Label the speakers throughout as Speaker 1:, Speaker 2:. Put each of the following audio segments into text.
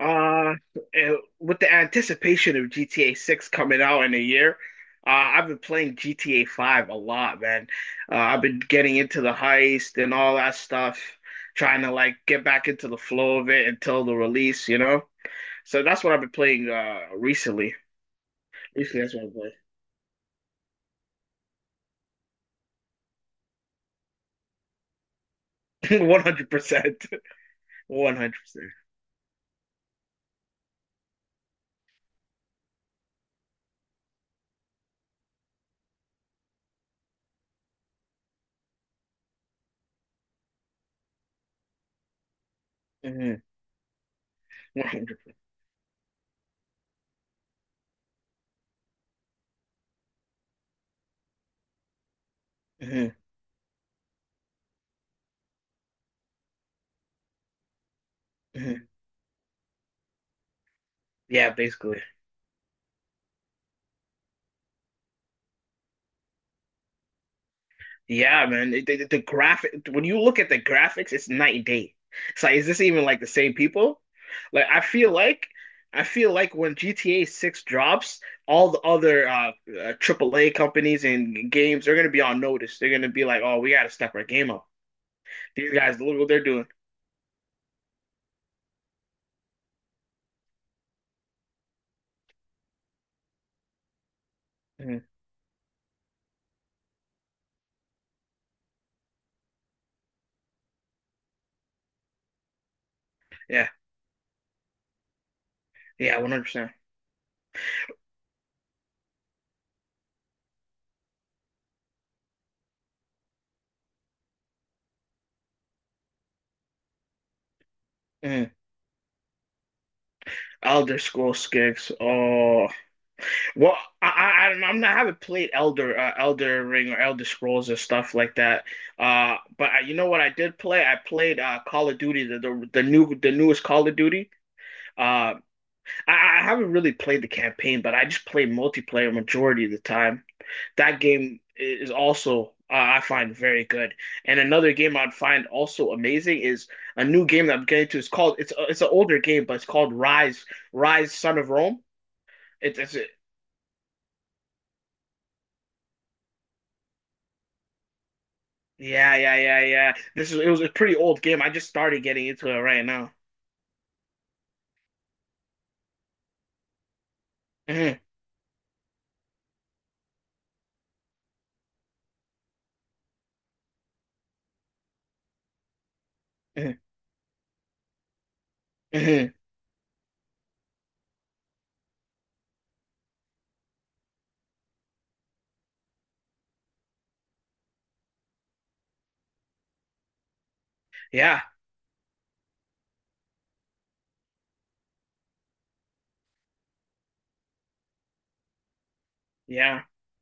Speaker 1: Uh, and with the anticipation of GTA 6 coming out in a year, I've been playing GTA 5 a lot, man. I've been getting into the heist and all that stuff, trying to like get back into the flow of it until the release, you know? So that's what I've been playing recently. Recently, that's what I play. 100%. 100%. Percent Hmm. 100. Hmm. Hmm. Yeah, basically. Yeah, man. The graphic when you look at the graphics, it's night and day. It's like, is this even like the same people? Like, I feel like when GTA 6 drops, all the other AAA companies and games they're gonna be on notice. They're gonna be like, oh, we gotta step our game up. These guys, look what they're doing. Mhm. Yeah, yeah, 100%. Mhm. Elder Scrolls Six. Oh, well, I don't know. I'm not, I haven't played Elder Ring or Elder Scrolls and stuff like that. But you know what I did play? I played Call of Duty, the newest Call of Duty. Uh, I haven't really played the campaign, but I just play multiplayer majority of the time. That game is also I find very good. And another game I'd find also amazing is a new game that I'm getting to. It's an older game, but it's called Rise Son of Rome. It's Yeah, yeah, yeah, yeah. This is It was a pretty old game. I just started getting into it right now. Mhm, mhm, mhm. Yeah, yeah.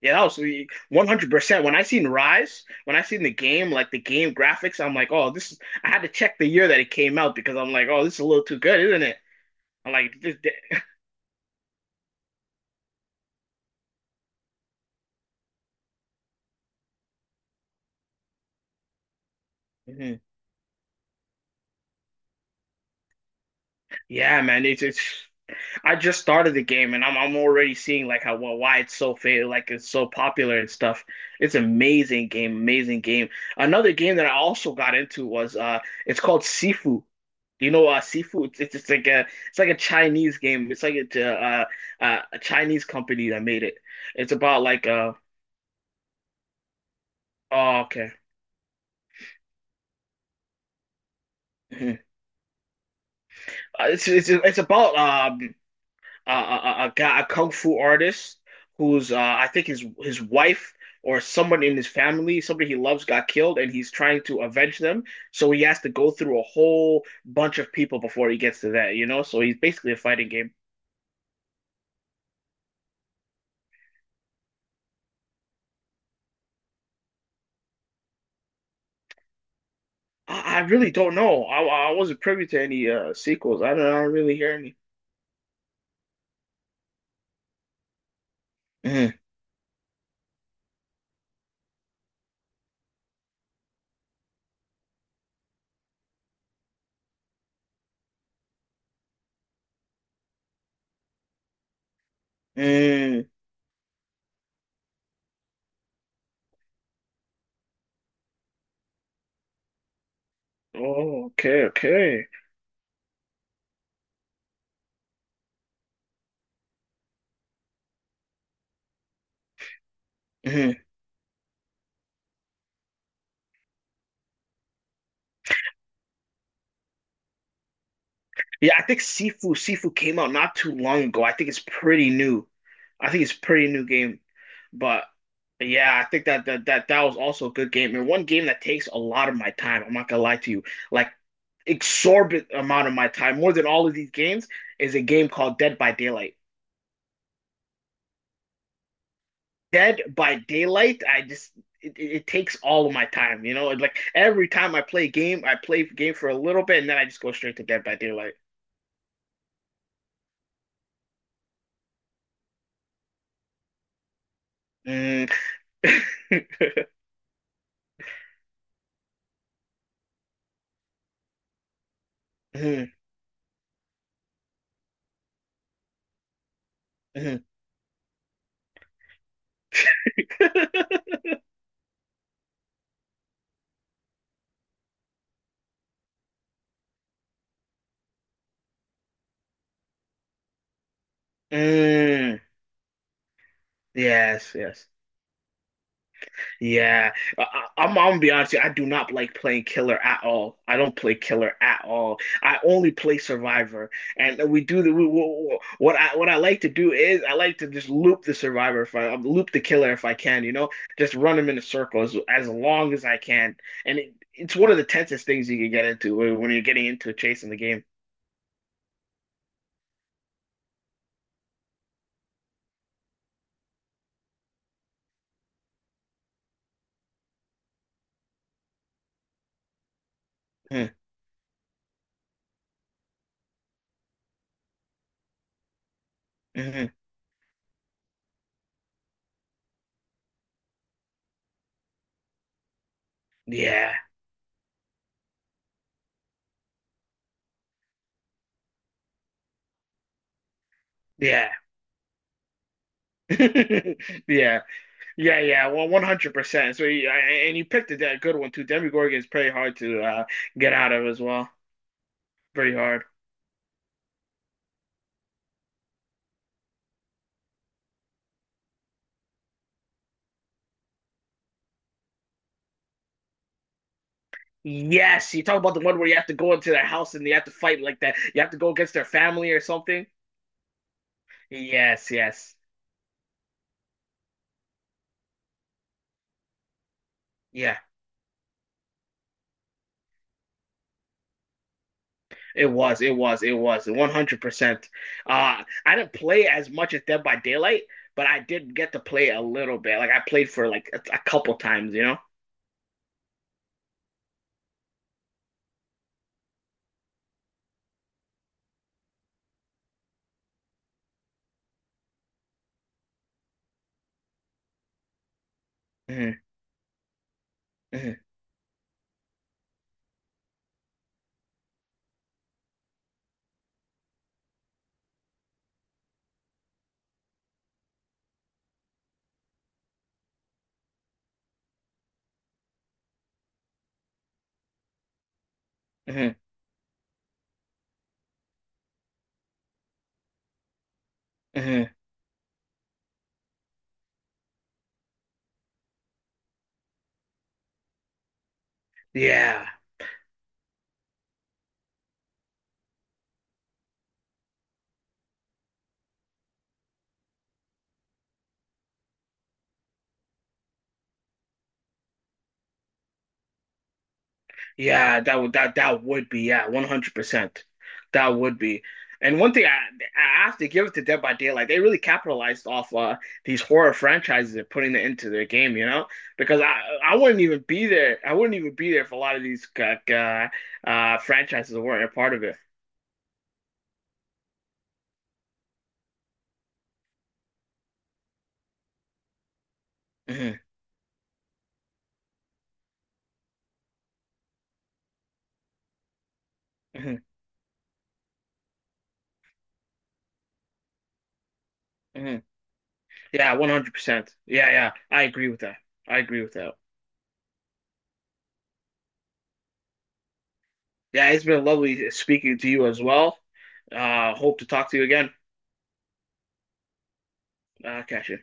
Speaker 1: Yeah, that was 100%. When I seen Rise, when I seen the game, like the game graphics, I'm like, oh, this is, I had to check the year that it came out because I'm like, oh, this is a little too good, isn't it? I'm like, this- Mhm. Yeah, man. It's I just started the game and I'm already seeing like why it's so fa like it's so popular and stuff. It's amazing game, amazing game. Another game that I also got into was it's called Sifu. Do you know Sifu? It's like a Chinese game. It's like a Chinese company that made it. It's about like uh oh, okay. Mhm. It's about a guy, a kung fu artist who's I think his wife or someone in his family, somebody he loves, got killed, and he's trying to avenge them. So he has to go through a whole bunch of people before he gets to that. So he's basically a fighting game. I really don't know. I wasn't privy to any sequels. I don't really hear any. Mm, mm. Oh, okay, okay. Mhm. Yeah, I think Sifu came out not too long ago. I think it's pretty new. I think it's a pretty new game. But But yeah, I think that was also a good game and one game that takes a lot of my time. I'm not gonna lie to you, like exorbitant amount of my time, more than all of these games, is a game called Dead by Daylight. Dead by Daylight, I just it takes all of my time, you know. And like every time I play a game, I play a game for a little bit and then I just go straight to Dead by Daylight. Mm. Mm, mm. Mm. Yes, yes. Yeah, I, I- am I'm gonna be honest. With you, I do not like playing killer at all. I don't play killer at all. I only play survivor, and we do the we- what I like to do is I like to just loop the survivor if I loop the killer if I can. You know, just run them in a circle as long as I can, and it's one of the tensest things you can get into when you're getting into a chase in the game. Mm, mhm. Yeah, yeah, yeah. Yeah, yeah, well, 100%. So, and you picked a good one too. Demogorgon is pretty hard to get out of as well. Pretty hard. Yes, you talk about the one where you have to go into their house and you have to fight like that. You have to go against their family or something. Yes, yes. Yeah, it was 100%. I didn't play as much as Dead by Daylight, but I did get to play a little bit. Like, I played for like a couple times, you know? Hmm. Hmm. Hmm. Hmm. Yeah. Yeah, that would be yeah, 100%. That would be. And one thing I have to give it to Dead by Daylight, they really capitalized off these horror franchises and putting it into their game, you know? Because I wouldn't even be there. I wouldn't even be there if a lot of these franchises weren't a part of it. Hmm. Hmm. Hmm. Yeah, 100%. Yeah, yeah. I agree with that. I agree with that. Yeah, it's been lovely speaking to you as well. Hope to talk to you again. Catch you.